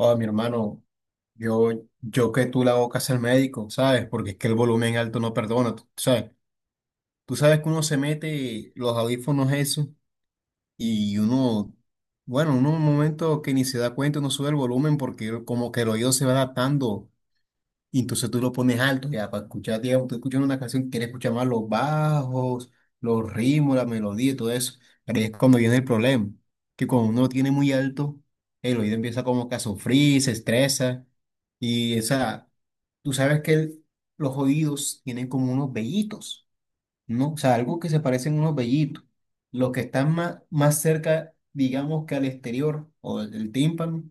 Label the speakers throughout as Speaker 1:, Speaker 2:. Speaker 1: Oh, mi hermano, yo, yo que tú la boca es el médico, ¿sabes? Porque es que el volumen alto no perdona, tú sabes. Tú sabes que uno se mete los audífonos eso y uno, bueno, uno en un momento que ni se da cuenta, uno sube el volumen porque como que el oído se va adaptando y entonces tú lo pones alto, ya para escuchar, digamos, tú escuchas una canción, quieres escuchar más los bajos, los ritmos, la melodía y todo eso. Pero ahí es cuando viene el problema, que cuando uno lo tiene muy alto, el oído empieza como que a sufrir, se estresa. Y esa, tú sabes que los oídos tienen como unos vellitos. ¿No? O sea, algo que se parecen unos vellitos. Los que están más cerca, digamos que al exterior o del tímpano,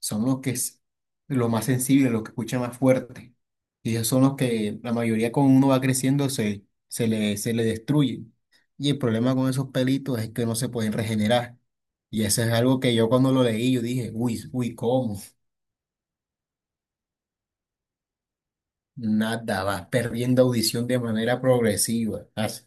Speaker 1: son los que es lo más sensible, los que escuchan más fuerte. Y esos son los que la mayoría cuando uno va creciendo se le destruyen. Y el problema con esos pelitos es que no se pueden regenerar. Y eso es algo que yo cuando lo leí, yo dije, uy, uy, ¿cómo? Nada, vas perdiendo audición de manera progresiva. Así.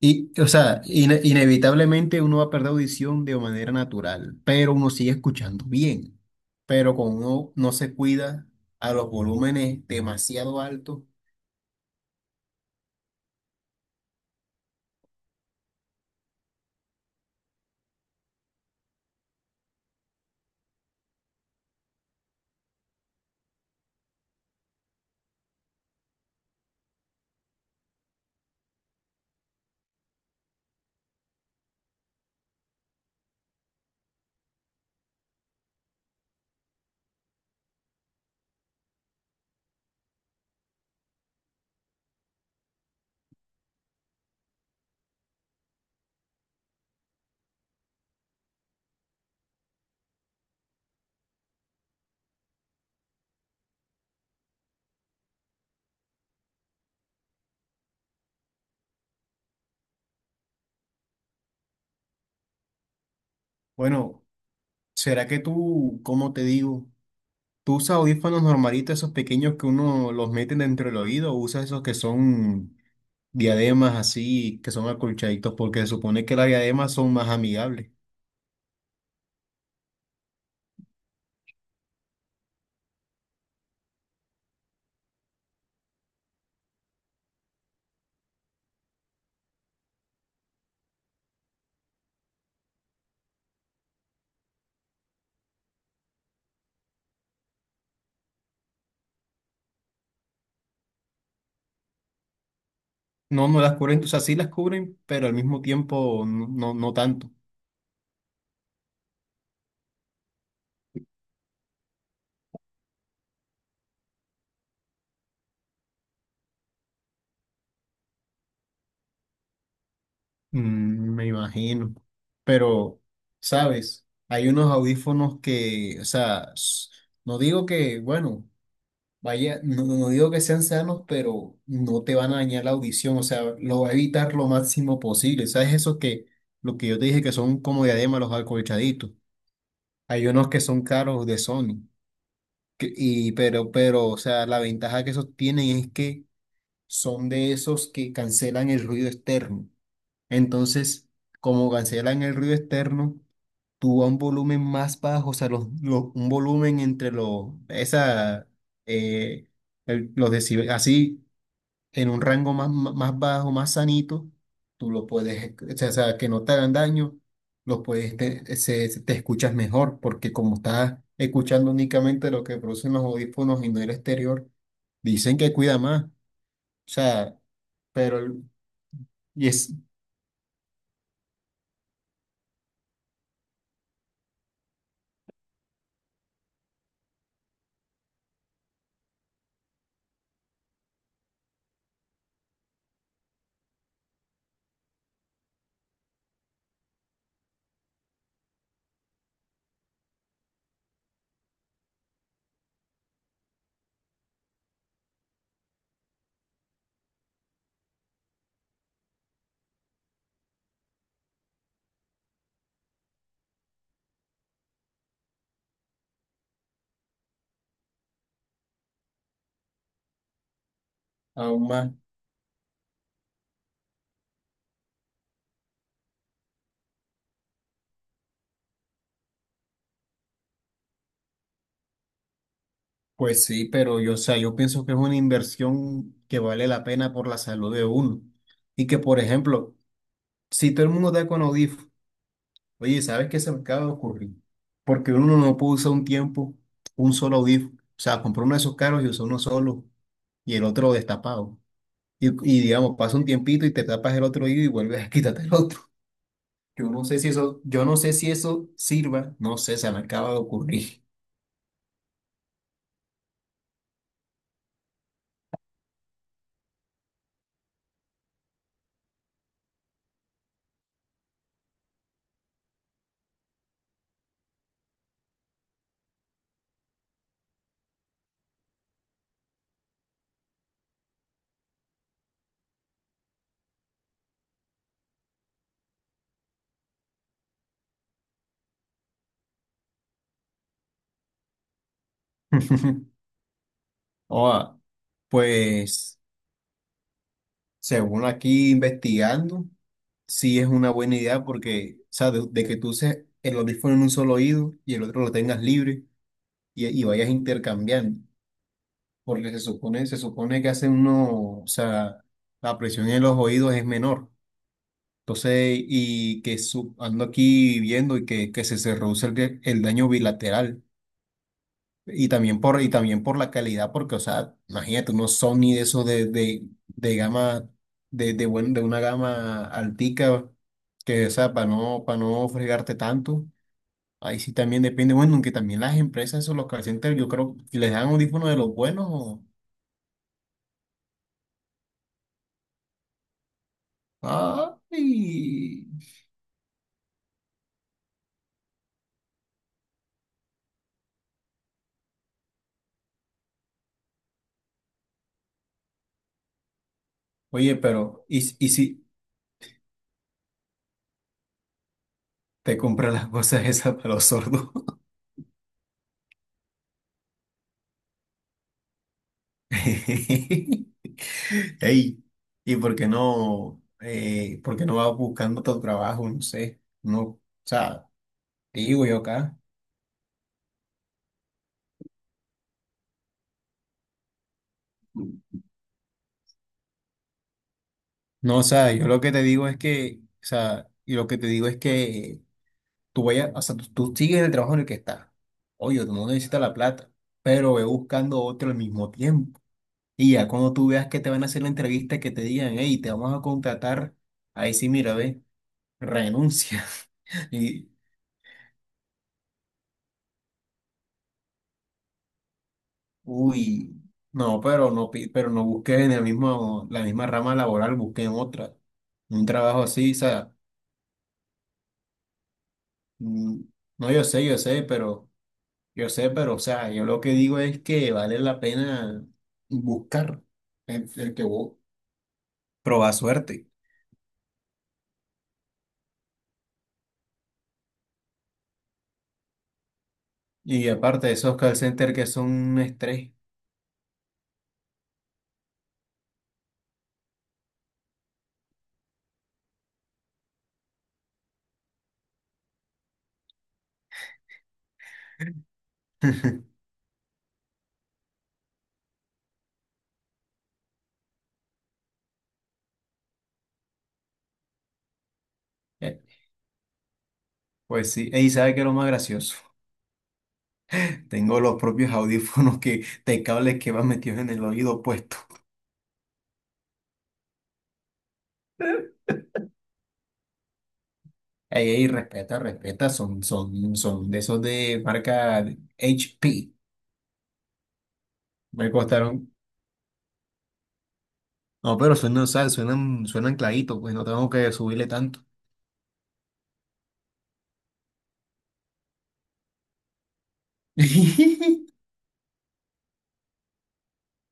Speaker 1: Y o sea, inevitablemente uno va a perder audición de manera natural, pero uno sigue escuchando bien. Pero como uno no se cuida a los volúmenes demasiado altos, bueno, ¿será que tú, cómo te digo, tú usas audífonos normalitos, esos pequeños que uno los mete dentro del oído, o usas esos que son diademas así, que son acolchaditos, porque se supone que las diademas son más amigables? No, no las cubren, o sea, sí las cubren, pero al mismo tiempo no tanto. Mm, me imagino. Pero, ¿sabes? Hay unos audífonos que, o sea, no digo que, bueno, vaya, no digo que sean sanos, pero no te van a dañar la audición, o sea, lo va a evitar lo máximo posible. ¿Sabes? Eso que, lo que yo te dije que son como diadema los acolchaditos. Hay unos que son caros de Sony, pero, o sea, la ventaja que esos tienen es que son de esos que cancelan el ruido externo. Entonces, como cancelan el ruido externo, tú a un volumen más bajo, o sea, un volumen entre los, esa, eh, los así, en un rango más bajo, más sanito, tú lo puedes, o sea, que no te hagan daño, los puedes, te, te escuchas mejor, porque como estás escuchando únicamente lo que producen los audífonos y no el exterior, dicen que cuida más. O sea, pero y es aún más, pues sí, pero yo, o sea, yo pienso que es una inversión que vale la pena por la salud de uno. Y que, por ejemplo, si todo el mundo da con Audif, oye, ¿sabes qué se me acaba de ocurrir? Porque uno no puede usar un tiempo un solo Audif. O sea, compró uno de esos caros y usó uno solo y el otro destapado. Y digamos, pasa un tiempito y te tapas el otro oído y vuelves a quitarte el otro. Yo no sé si eso, yo no sé si eso sirva, no sé, se me acaba de ocurrir. Oh, pues. Según aquí investigando, sí es una buena idea porque, o sea, de que tú uses el audífono en un solo oído y el otro lo tengas libre y vayas intercambiando, porque se supone que hace uno, o sea, la presión en los oídos es menor. Entonces, y que ando aquí viendo y que se reduce el daño bilateral. Y también por la calidad, porque, o sea, imagínate, unos Sony de esos de gama, de una gama altica, que, o sea, para no fregarte tanto. Ahí sí también depende, bueno, aunque también las empresas, esos, los call centers, yo creo que les dan audífonos de los buenos. Ay. Oye, pero, ¿y, y si te compras las cosas esas para los sordos? Ey, ¿y por qué no vas buscando tu trabajo? No sé, no, o sea, te digo yo acá. No, o sea, yo lo que te digo es que, o sea, y lo que te digo es que tú vayas, o sea, tú sigues en el trabajo en el que estás. Oye, tú no necesitas la plata, pero ve buscando otro al mismo tiempo. Y ya cuando tú veas que te van a hacer la entrevista, que te digan, hey, te vamos a contratar, ahí sí, mira, ve, renuncia. Y. Uy, no, pero no, pero no busqué en el mismo, la misma rama laboral, busqué en otra. Un trabajo así, o sea, mm, no, yo sé, pero, o sea, yo lo que digo es que vale la pena buscar el que vos probar suerte. Y aparte, esos call centers que son un estrés. Eh, pues sí, y ¿sabe qué es lo más gracioso? Tengo los propios audífonos que, de cables que van metidos en el oído puesto. Ey, ey, respeta, son de esos de marca HP. Me costaron. No, pero suenan, o sea, suenan clarito, pues no tengo que subirle tanto.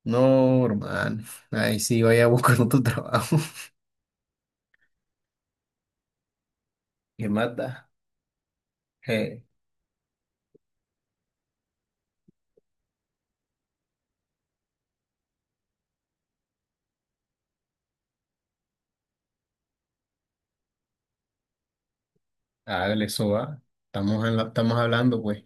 Speaker 1: No, hermano. Ahí sí, vaya buscando tu trabajo. ¿Qué más da? Eh, hágale, eso va. Estamos, estamos hablando, pues.